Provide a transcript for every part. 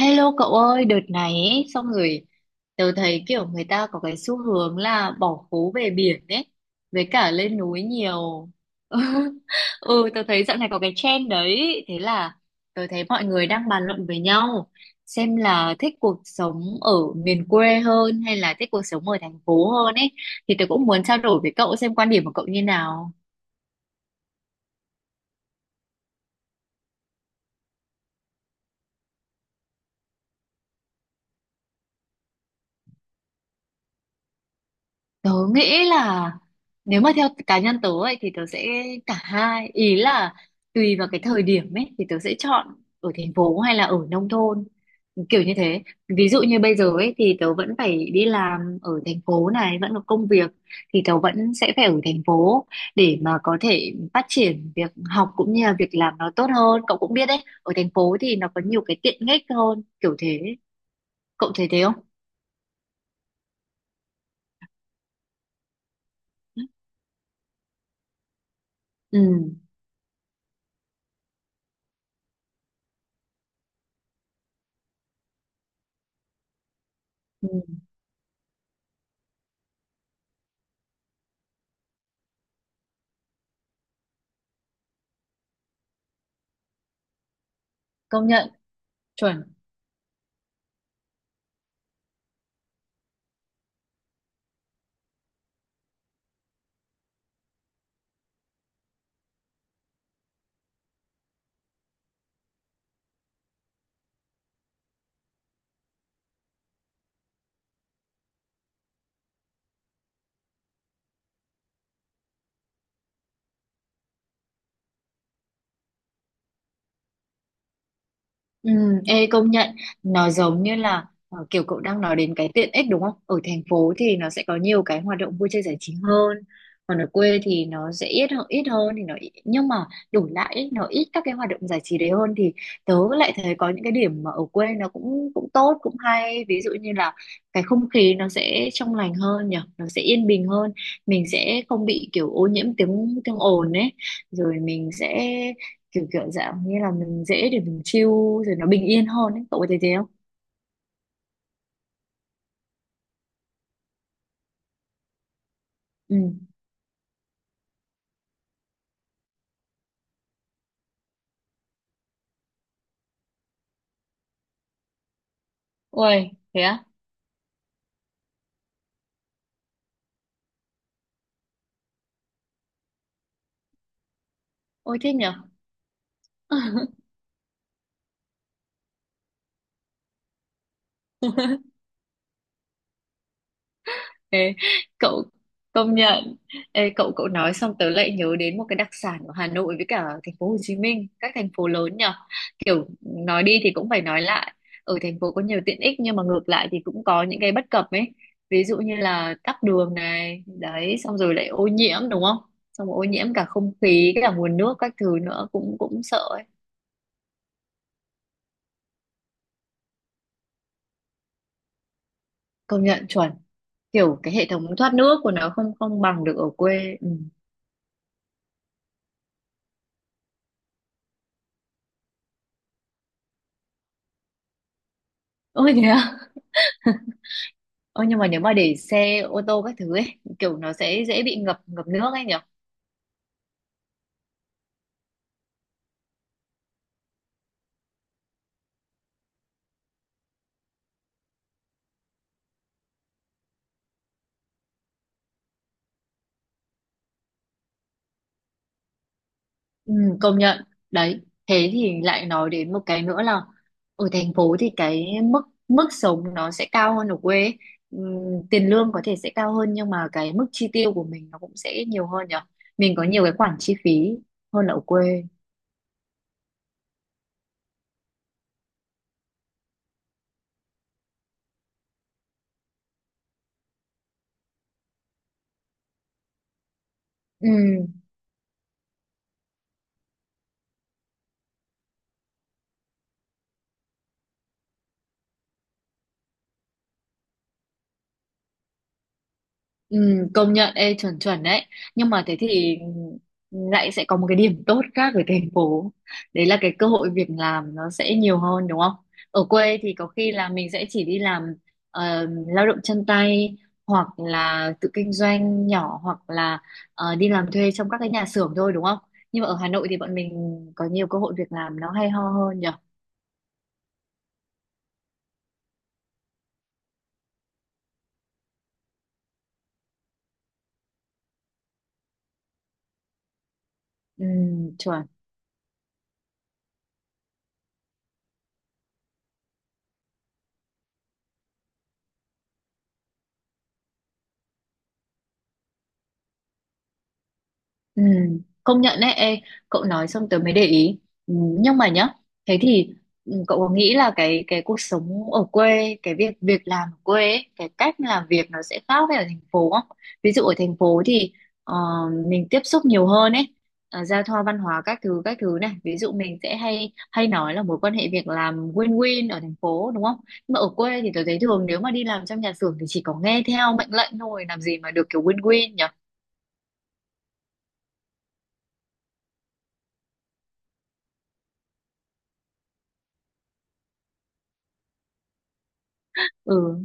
Hello cậu ơi, đợt này ấy, xong rồi tớ thấy kiểu người ta có cái xu hướng là bỏ phố về biển ấy, với cả lên núi nhiều. Ừ, tớ thấy dạo này có cái trend đấy, thế là tớ thấy mọi người đang bàn luận với nhau xem là thích cuộc sống ở miền quê hơn hay là thích cuộc sống ở thành phố hơn ấy, thì tớ cũng muốn trao đổi với cậu xem quan điểm của cậu như nào. Tớ nghĩ là nếu mà theo cá nhân tớ ấy, thì tớ sẽ cả hai ý là tùy vào cái thời điểm ấy thì tớ sẽ chọn ở thành phố hay là ở nông thôn kiểu như thế. Ví dụ như bây giờ ấy thì tớ vẫn phải đi làm ở thành phố này, vẫn có công việc thì tớ vẫn sẽ phải ở thành phố để mà có thể phát triển việc học cũng như là việc làm nó tốt hơn. Cậu cũng biết đấy, ở thành phố thì nó có nhiều cái tiện ích hơn kiểu thế. Cậu thấy thế không? Ừ, ừ, công nhận, chuẩn. Ừ, ê công nhận, nó giống như là kiểu cậu đang nói đến cái tiện ích đúng không? Ở thành phố thì nó sẽ có nhiều cái hoạt động vui chơi giải trí hơn, còn ở quê thì nó sẽ ít hơn, nhưng mà đổi lại ý, nó ít các cái hoạt động giải trí đấy hơn thì tớ lại thấy có những cái điểm mà ở quê nó cũng cũng tốt cũng hay. Ví dụ như là cái không khí nó sẽ trong lành hơn nhỉ, nó sẽ yên bình hơn, mình sẽ không bị kiểu ô nhiễm tiếng tiếng ồn ấy, rồi mình sẽ kiểu kiểu dạng như là mình dễ để mình chill, rồi nó bình yên hơn ấy. Cậu có thấy thế không? Ừ, ôi thế á, ôi thế nhở. Ê, cậu công nhận. Ê, cậu cậu nói xong tớ lại nhớ đến một cái đặc sản của Hà Nội với cả thành phố Hồ Chí Minh, các thành phố lớn nhở. Kiểu nói đi thì cũng phải nói lại, ở thành phố có nhiều tiện ích nhưng mà ngược lại thì cũng có những cái bất cập ấy. Ví dụ như là tắc đường này đấy, xong rồi lại ô nhiễm đúng không, xong rồi ô nhiễm cả không khí cả nguồn nước các thứ nữa, cũng cũng sợ. Công nhận, chuẩn. Kiểu cái hệ thống thoát nước của nó không không bằng được ở quê ừ. Ôi thế à. Ôi nhưng mà nếu mà để xe ô tô các thứ ấy, kiểu nó sẽ dễ bị ngập ngập nước ấy nhỉ. Ừ, công nhận đấy. Thế thì lại nói đến một cái nữa là ở thành phố thì cái mức mức sống nó sẽ cao hơn ở quê ấy. Ừ, tiền lương có thể sẽ cao hơn nhưng mà cái mức chi tiêu của mình nó cũng sẽ nhiều hơn nhỉ, mình có nhiều cái khoản chi phí hơn là ở quê. Ừ. Ừ, công nhận, ê, chuẩn chuẩn đấy. Nhưng mà thế thì lại sẽ có một cái điểm tốt khác với thành phố, đấy là cái cơ hội việc làm nó sẽ nhiều hơn đúng không. Ở quê thì có khi là mình sẽ chỉ đi làm lao động chân tay hoặc là tự kinh doanh nhỏ hoặc là đi làm thuê trong các cái nhà xưởng thôi đúng không. Nhưng mà ở Hà Nội thì bọn mình có nhiều cơ hội việc làm nó hay ho hơn nhỉ. Ừ, chuẩn. Ừ, công nhận đấy, ê, cậu nói xong tớ mới để ý. Ừ, nhưng mà nhá, thế thì ừ, cậu có nghĩ là cái cuộc sống ở quê, cái việc việc làm ở quê ấy, cái cách làm việc nó sẽ khác với ở thành phố không? Ví dụ ở thành phố thì ờ, mình tiếp xúc nhiều hơn ấy, giao thoa văn hóa các thứ này. Ví dụ mình sẽ hay hay nói là mối quan hệ việc làm win-win ở thành phố đúng không? Nhưng mà ở quê thì tớ thấy thường nếu mà đi làm trong nhà xưởng thì chỉ có nghe theo mệnh lệnh thôi, làm gì mà được kiểu win-win nhỉ? Ừ.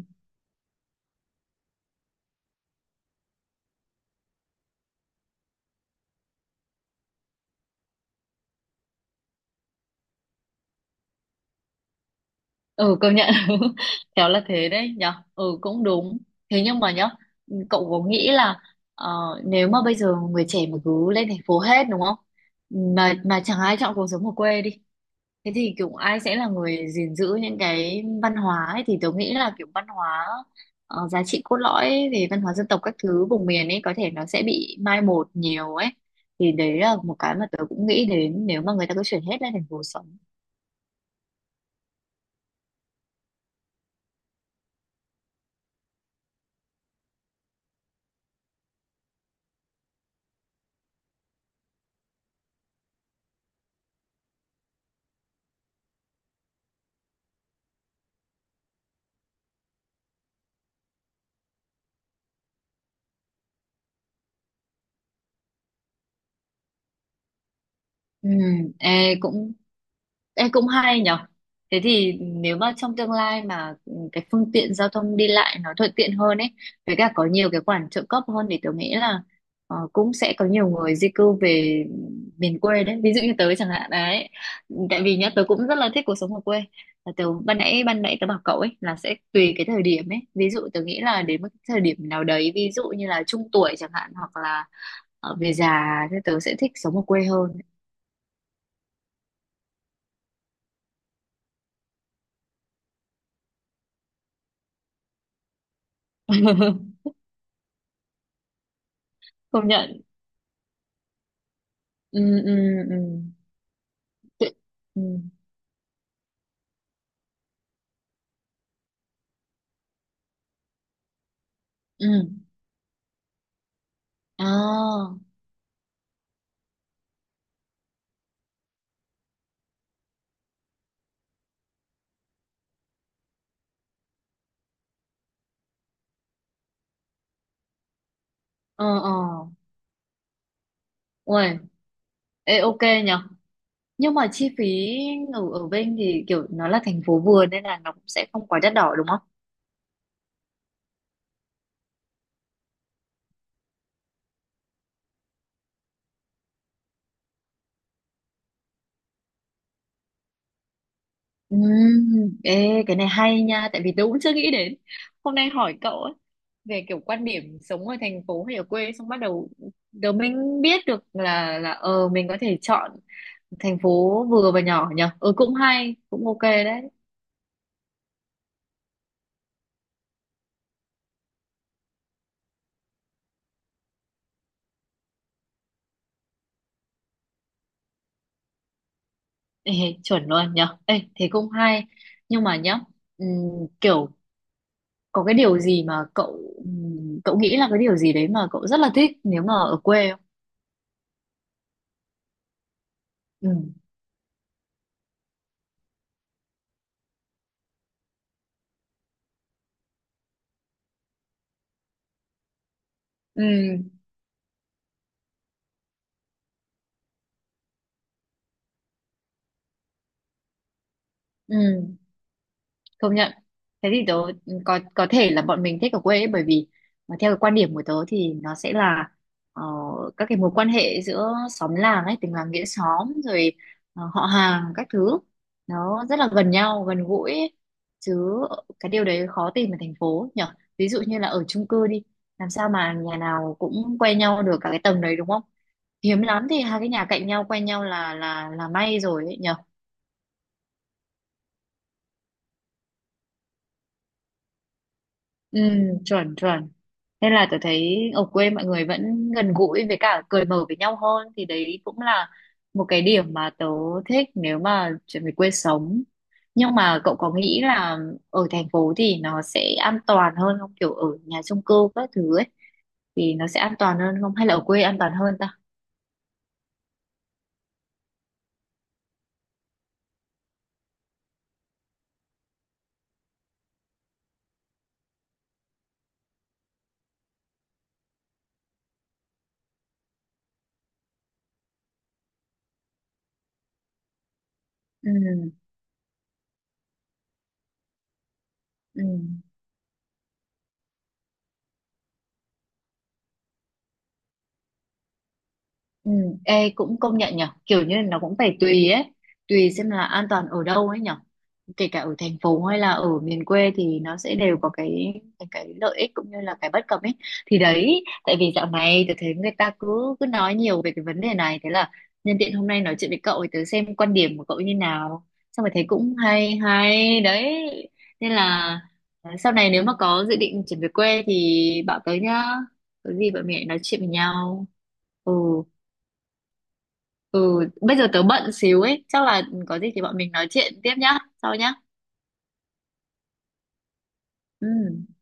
Ừ, công nhận. Khéo là thế đấy nhở, ừ cũng đúng. Thế nhưng mà nhá, cậu có nghĩ là ờ, nếu mà bây giờ người trẻ mà cứ lên thành phố hết đúng không, mà chẳng ai chọn cuộc sống ở quê đi, thế thì kiểu ai sẽ là người gìn giữ những cái văn hóa ấy. Thì tớ nghĩ là kiểu văn hóa, giá trị cốt lõi về văn hóa dân tộc các thứ vùng miền ấy, có thể nó sẽ bị mai một nhiều ấy. Thì đấy là một cái mà tớ cũng nghĩ đến nếu mà người ta cứ chuyển hết lên thành phố sống. Ừ, ê, cũng. Ê, cũng hay nhở. Thế thì nếu mà trong tương lai mà ừ, cái phương tiện giao thông đi lại nó thuận tiện hơn ấy, với cả có nhiều cái khoản trợ cấp hơn thì tớ nghĩ là cũng sẽ có nhiều người di cư về miền quê đấy, ví dụ như tớ chẳng hạn đấy. Tại vì nhá, tớ cũng rất là thích cuộc sống ở quê. Là tớ ban nãy tớ bảo cậu ấy là sẽ tùy cái thời điểm ấy. Ví dụ tớ nghĩ là đến một cái thời điểm nào đấy, ví dụ như là trung tuổi chẳng hạn hoặc là về già thì tớ sẽ thích sống ở quê hơn. Công nhận. Ừ, ừ, ừ. tự- ừ, ừ, à, ờ, ờ, ui, ê, ok, nhở. Nhưng mà chi phí ở ở bên thì kiểu nó là thành phố vừa nên là nó cũng sẽ không quá đắt đỏ đúng không. Ừ. Ê, cái này hay nha, tại vì tôi cũng chưa nghĩ đến. Hôm nay hỏi cậu ấy về kiểu quan điểm sống ở thành phố hay ở quê, xong bắt đầu đầu mình biết được là ờ mình có thể chọn thành phố vừa và nhỏ nhở. Ừ, cũng hay, cũng ok đấy. Ê, chuẩn luôn nhở. Ê, thế cũng hay. Nhưng mà nhá, ừm, kiểu có cái điều gì mà cậu cậu nghĩ là cái điều gì đấy mà cậu rất là thích nếu mà ở quê không. Ừ. Ừ, công nhận. Thế thì tớ ừ, có thể là bọn mình thích ở quê ấy, bởi vì mà theo cái quan điểm của tớ thì nó sẽ là ờ, các cái mối quan hệ giữa xóm làng ấy, tình làng nghĩa xóm rồi họ hàng các thứ, nó rất là gần nhau gần gũi ấy. Chứ cái điều đấy khó tìm ở thành phố nhở. Ví dụ như là ở chung cư đi, làm sao mà nhà nào cũng quen nhau được cả cái tầng đấy đúng không. Hiếm lắm thì hai cái nhà cạnh nhau quen nhau là là may rồi ấy nhở. Ừ, chuẩn chuẩn. Nên là tôi thấy ở quê mọi người vẫn gần gũi với cả cười mở với nhau hơn, thì đấy cũng là một cái điểm mà tớ thích nếu mà chuyển về quê sống. Nhưng mà cậu có nghĩ là ở thành phố thì nó sẽ an toàn hơn không, kiểu ở nhà chung cư các thứ ấy thì nó sẽ an toàn hơn không, hay là ở quê an toàn hơn ta. Ừ, ừ, ừ. Ê, cũng công nhận nhở, kiểu như nó cũng phải tùy ấy, tùy xem là an toàn ở đâu ấy nhở. Kể cả ở thành phố hay là ở miền quê thì nó sẽ đều có cái cái lợi ích cũng như là cái bất cập ấy. Thì đấy tại vì dạo này tôi thấy người ta cứ cứ nói nhiều về cái vấn đề này, thế là nhân tiện hôm nay nói chuyện với cậu thì tớ xem quan điểm của cậu như nào, xong rồi thấy cũng hay hay đấy. Nên là sau này nếu mà có dự định chuyển về quê thì bảo tới nhá, có gì bọn mình lại nói chuyện với nhau. Ừ. Ừ, bây giờ tớ bận xíu ấy, chắc là có gì thì bọn mình nói chuyện tiếp nhá, sau nhá. Ừ.